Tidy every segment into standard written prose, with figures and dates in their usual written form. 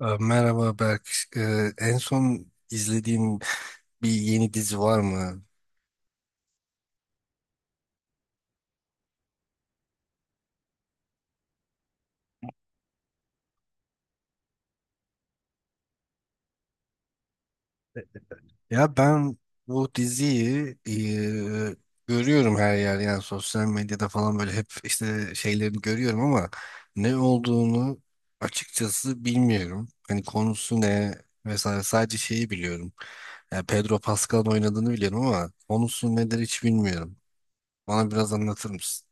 Merhaba Berk. En son izlediğin bir yeni dizi var mı? Ya ben bu diziyi görüyorum her yer, yani sosyal medyada falan böyle hep işte şeylerini görüyorum ama ne olduğunu açıkçası bilmiyorum. Hani konusu ne vesaire, sadece şeyi biliyorum. Yani Pedro Pascal'ın oynadığını biliyorum ama konusu nedir hiç bilmiyorum. Bana biraz anlatır mısın?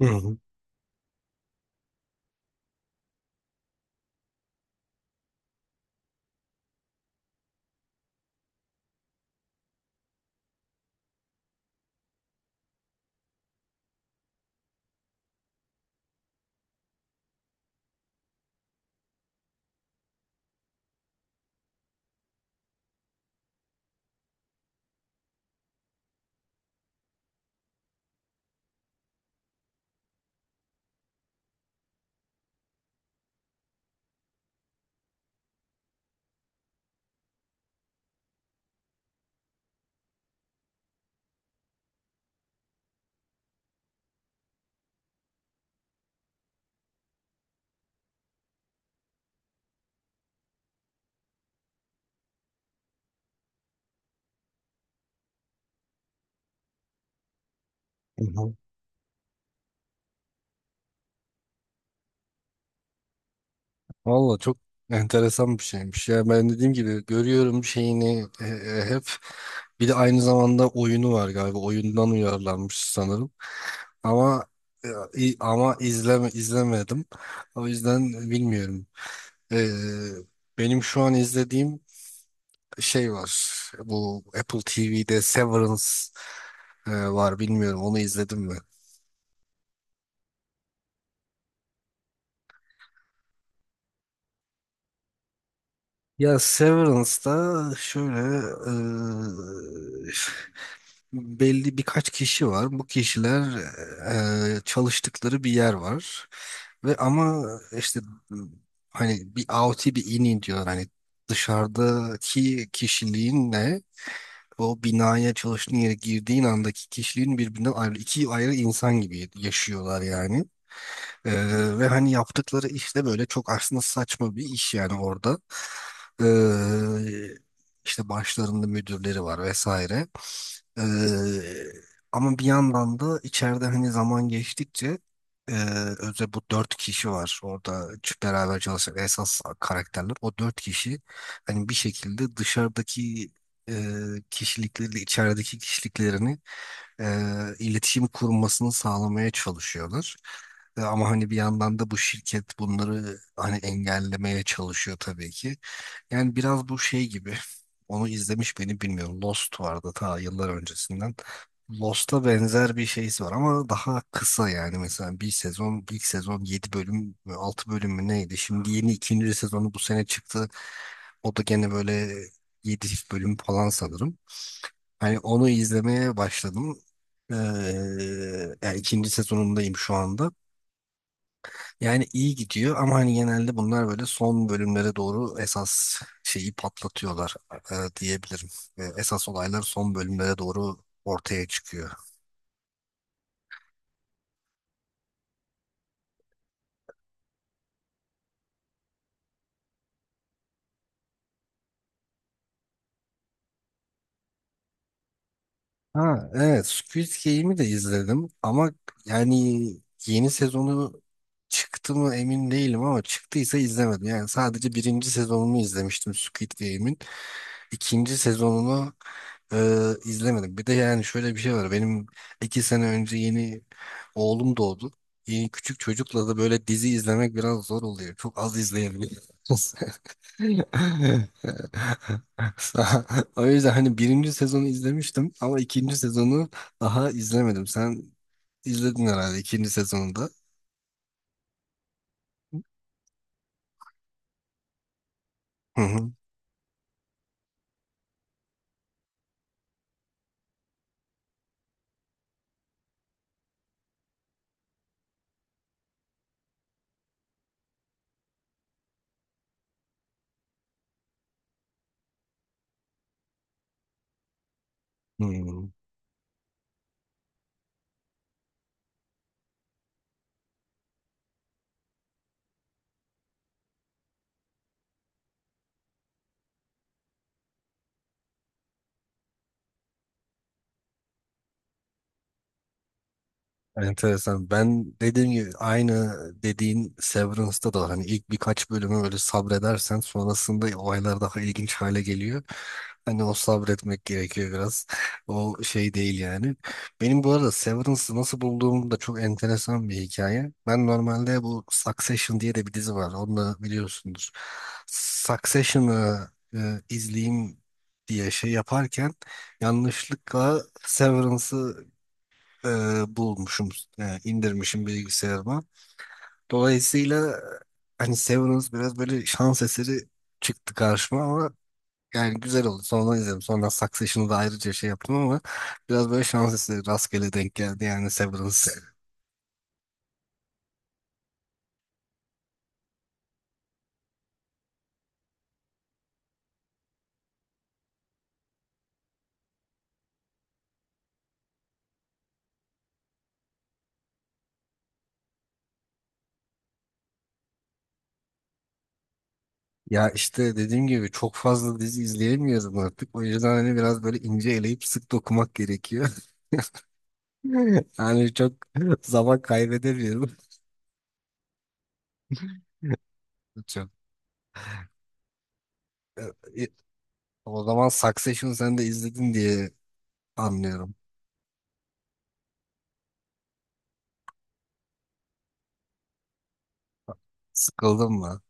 Hı hı. Valla çok enteresan bir şeymiş. Ya ben dediğim gibi görüyorum şeyini, hep bir de aynı zamanda oyunu var galiba. Oyundan uyarlanmış sanırım. Ama e, ama izlemedim. O yüzden bilmiyorum. Ee, Benim şu an izlediğim şey var. Bu Apple TV'de Severance var. Bilmiyorum onu izledim mi? Ya Severance'da şöyle, e, belli birkaç kişi var. Bu kişiler çalıştıkları bir yer var. Ve ama işte, m, hani bir out'i bir in'i diyor. Hani dışarıdaki kişiliğinle o binaya çalıştığın yere girdiğin andaki kişiliğin birbirinden ayrı iki ayrı insan gibi yaşıyorlar yani. E, Ve hani yaptıkları iş de böyle çok aslında saçma bir iş yani orada. E, işte başlarında müdürleri var vesaire. Ee, Ama bir yandan da içeride hani zaman geçtikçe, e, özellikle bu dört kişi var orada beraber çalışan esas karakterler. O dört kişi hani bir şekilde dışarıdaki e, kişilikleriyle içerideki kişiliklerini e, iletişim kurmasını sağlamaya çalışıyorlar. Ama hani bir yandan da bu şirket bunları hani engellemeye çalışıyor tabii ki. Yani biraz bu şey gibi. Onu izlemiş beni bilmiyorum. Lost vardı ta yıllar öncesinden. Lost'a benzer bir şeysi var ama daha kısa yani mesela bir sezon ilk sezon 7 bölüm mü, 6 bölüm mü neydi? Şimdi yeni ikinci sezonu bu sene çıktı. O da gene böyle 7 bölüm falan sanırım. Hani onu izlemeye başladım. Ee, Yani ikinci sezonundayım şu anda. Yani iyi gidiyor ama hani genelde bunlar böyle son bölümlere doğru esas şeyi patlatıyorlar, diyebilirim. Esas olaylar son bölümlere doğru ortaya çıkıyor. Ha, evet, Squid Game'i de izledim ama yani yeni sezonu çıktı mı emin değilim ama çıktıysa izlemedim. Yani sadece birinci sezonunu izlemiştim Squid Game'in. İkinci sezonunu e, izlemedim. Bir de yani şöyle bir şey var. Benim iki sene önce yeni oğlum doğdu. Yeni küçük çocukla da böyle dizi izlemek biraz zor oluyor. Çok az izleyebiliyoruz. O yüzden hani birinci sezonu izlemiştim ama ikinci sezonu daha izlemedim. Sen izledin herhalde ikinci sezonunda. Hı hı. Hı. Enteresan. Ben dediğim gibi aynı dediğin Severance'da da hani ilk birkaç bölümü böyle sabredersen sonrasında olaylar daha ilginç hale geliyor. Hani o sabretmek gerekiyor biraz. O şey değil yani. Benim bu arada Severance'ı nasıl bulduğum da çok enteresan bir hikaye. Ben normalde bu Succession diye de bir dizi var. Onu da biliyorsundur. Succession'ı izleyeyim diye şey yaparken yanlışlıkla Severance'ı e, bulmuşum, indirmişim bilgisayarıma. Dolayısıyla hani Severance biraz böyle şans eseri çıktı karşıma ama yani güzel oldu. Sonra izledim. Sonra Succession'ı da ayrıca şey yaptım ama biraz böyle şans eseri rastgele denk geldi yani Severance. Ya işte dediğim gibi çok fazla dizi izleyemiyorum artık. O yüzden hani biraz böyle ince eleyip sık dokumak gerekiyor. Yani çok zaman kaybedemiyorum. Çok. E, e, O zaman Succession sen de izledin diye anlıyorum. Sıkıldın mı?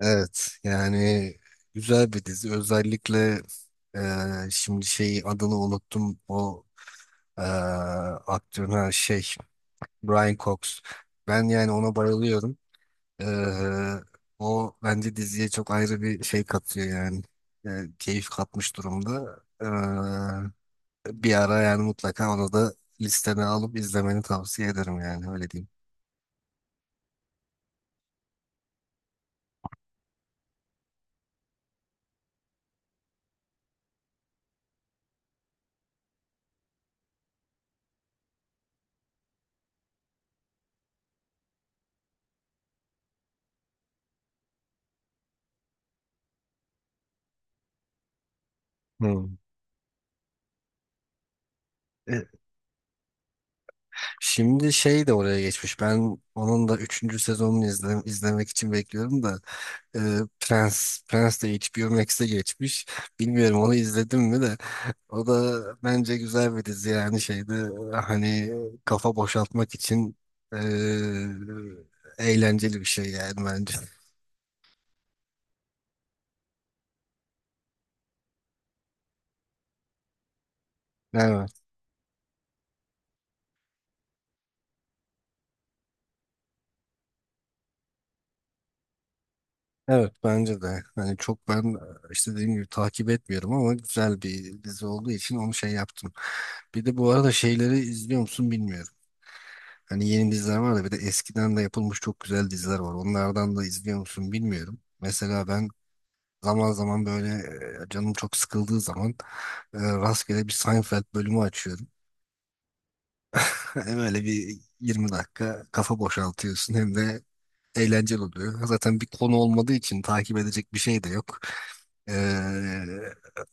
Evet yani güzel bir dizi, özellikle şimdi şey adını unuttum o e, aktörün, ha, şey Brian Cox, ben yani ona bayılıyorum. E, O bence diziye çok ayrı bir şey katıyor yani. E, Keyif katmış durumda. Bir ara yani mutlaka onu da listene alıp izlemeni tavsiye ederim, yani öyle diyeyim. Hmm. Şimdi şey de oraya geçmiş. Ben onun da üçüncü sezonunu izlemek için bekliyorum da, e, Prens Prens de HBO Max'e geçmiş. Bilmiyorum onu izledim mi de, o da bence güzel bir dizi, yani şeyde, hani kafa boşaltmak için, e, eğlenceli bir şey yani bence. Evet. Evet, bence de. Hani çok ben işte dediğim gibi takip etmiyorum ama güzel bir dizi olduğu için onu şey yaptım. Bir de bu arada şeyleri izliyor musun bilmiyorum. Hani yeni diziler var da bir de eskiden de yapılmış çok güzel diziler var. Onlardan da izliyor musun bilmiyorum. Mesela ben zaman zaman böyle, canım çok sıkıldığı zaman, rastgele bir Seinfeld bölümü açıyorum. Hem öyle bir 20 dakika kafa boşaltıyorsun hem de eğlenceli oluyor. Zaten bir konu olmadığı için takip edecek bir şey de yok. E,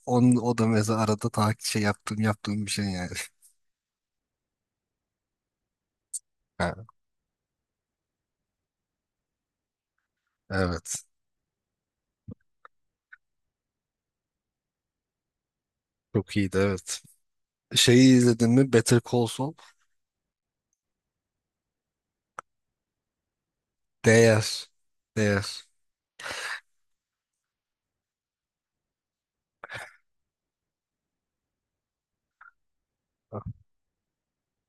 O da mesela arada takip şey yaptığım bir şey yani. Ha, evet. Çok iyiydi, evet. Şeyi izledin mi? Better Call Saul? Değer. Değer.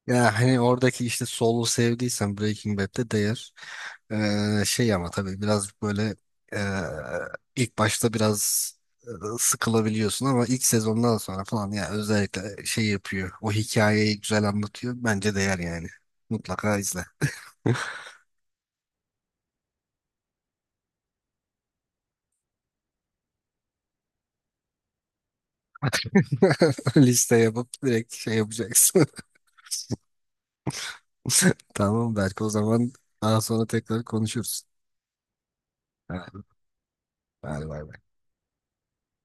Ya hani oradaki işte Soul'u sevdiysen Breaking Bad'de değer. Şey ama tabii biraz böyle, ee, ilk başta biraz ee, sıkılabiliyorsun ama ilk sezondan sonra falan ya özellikle şey yapıyor. O hikayeyi güzel anlatıyor. Bence değer yani. Mutlaka izle. Liste yapıp direkt şey yapacaksın. Tamam, belki o zaman daha sonra tekrar konuşuruz. Ha, hadi bay bay.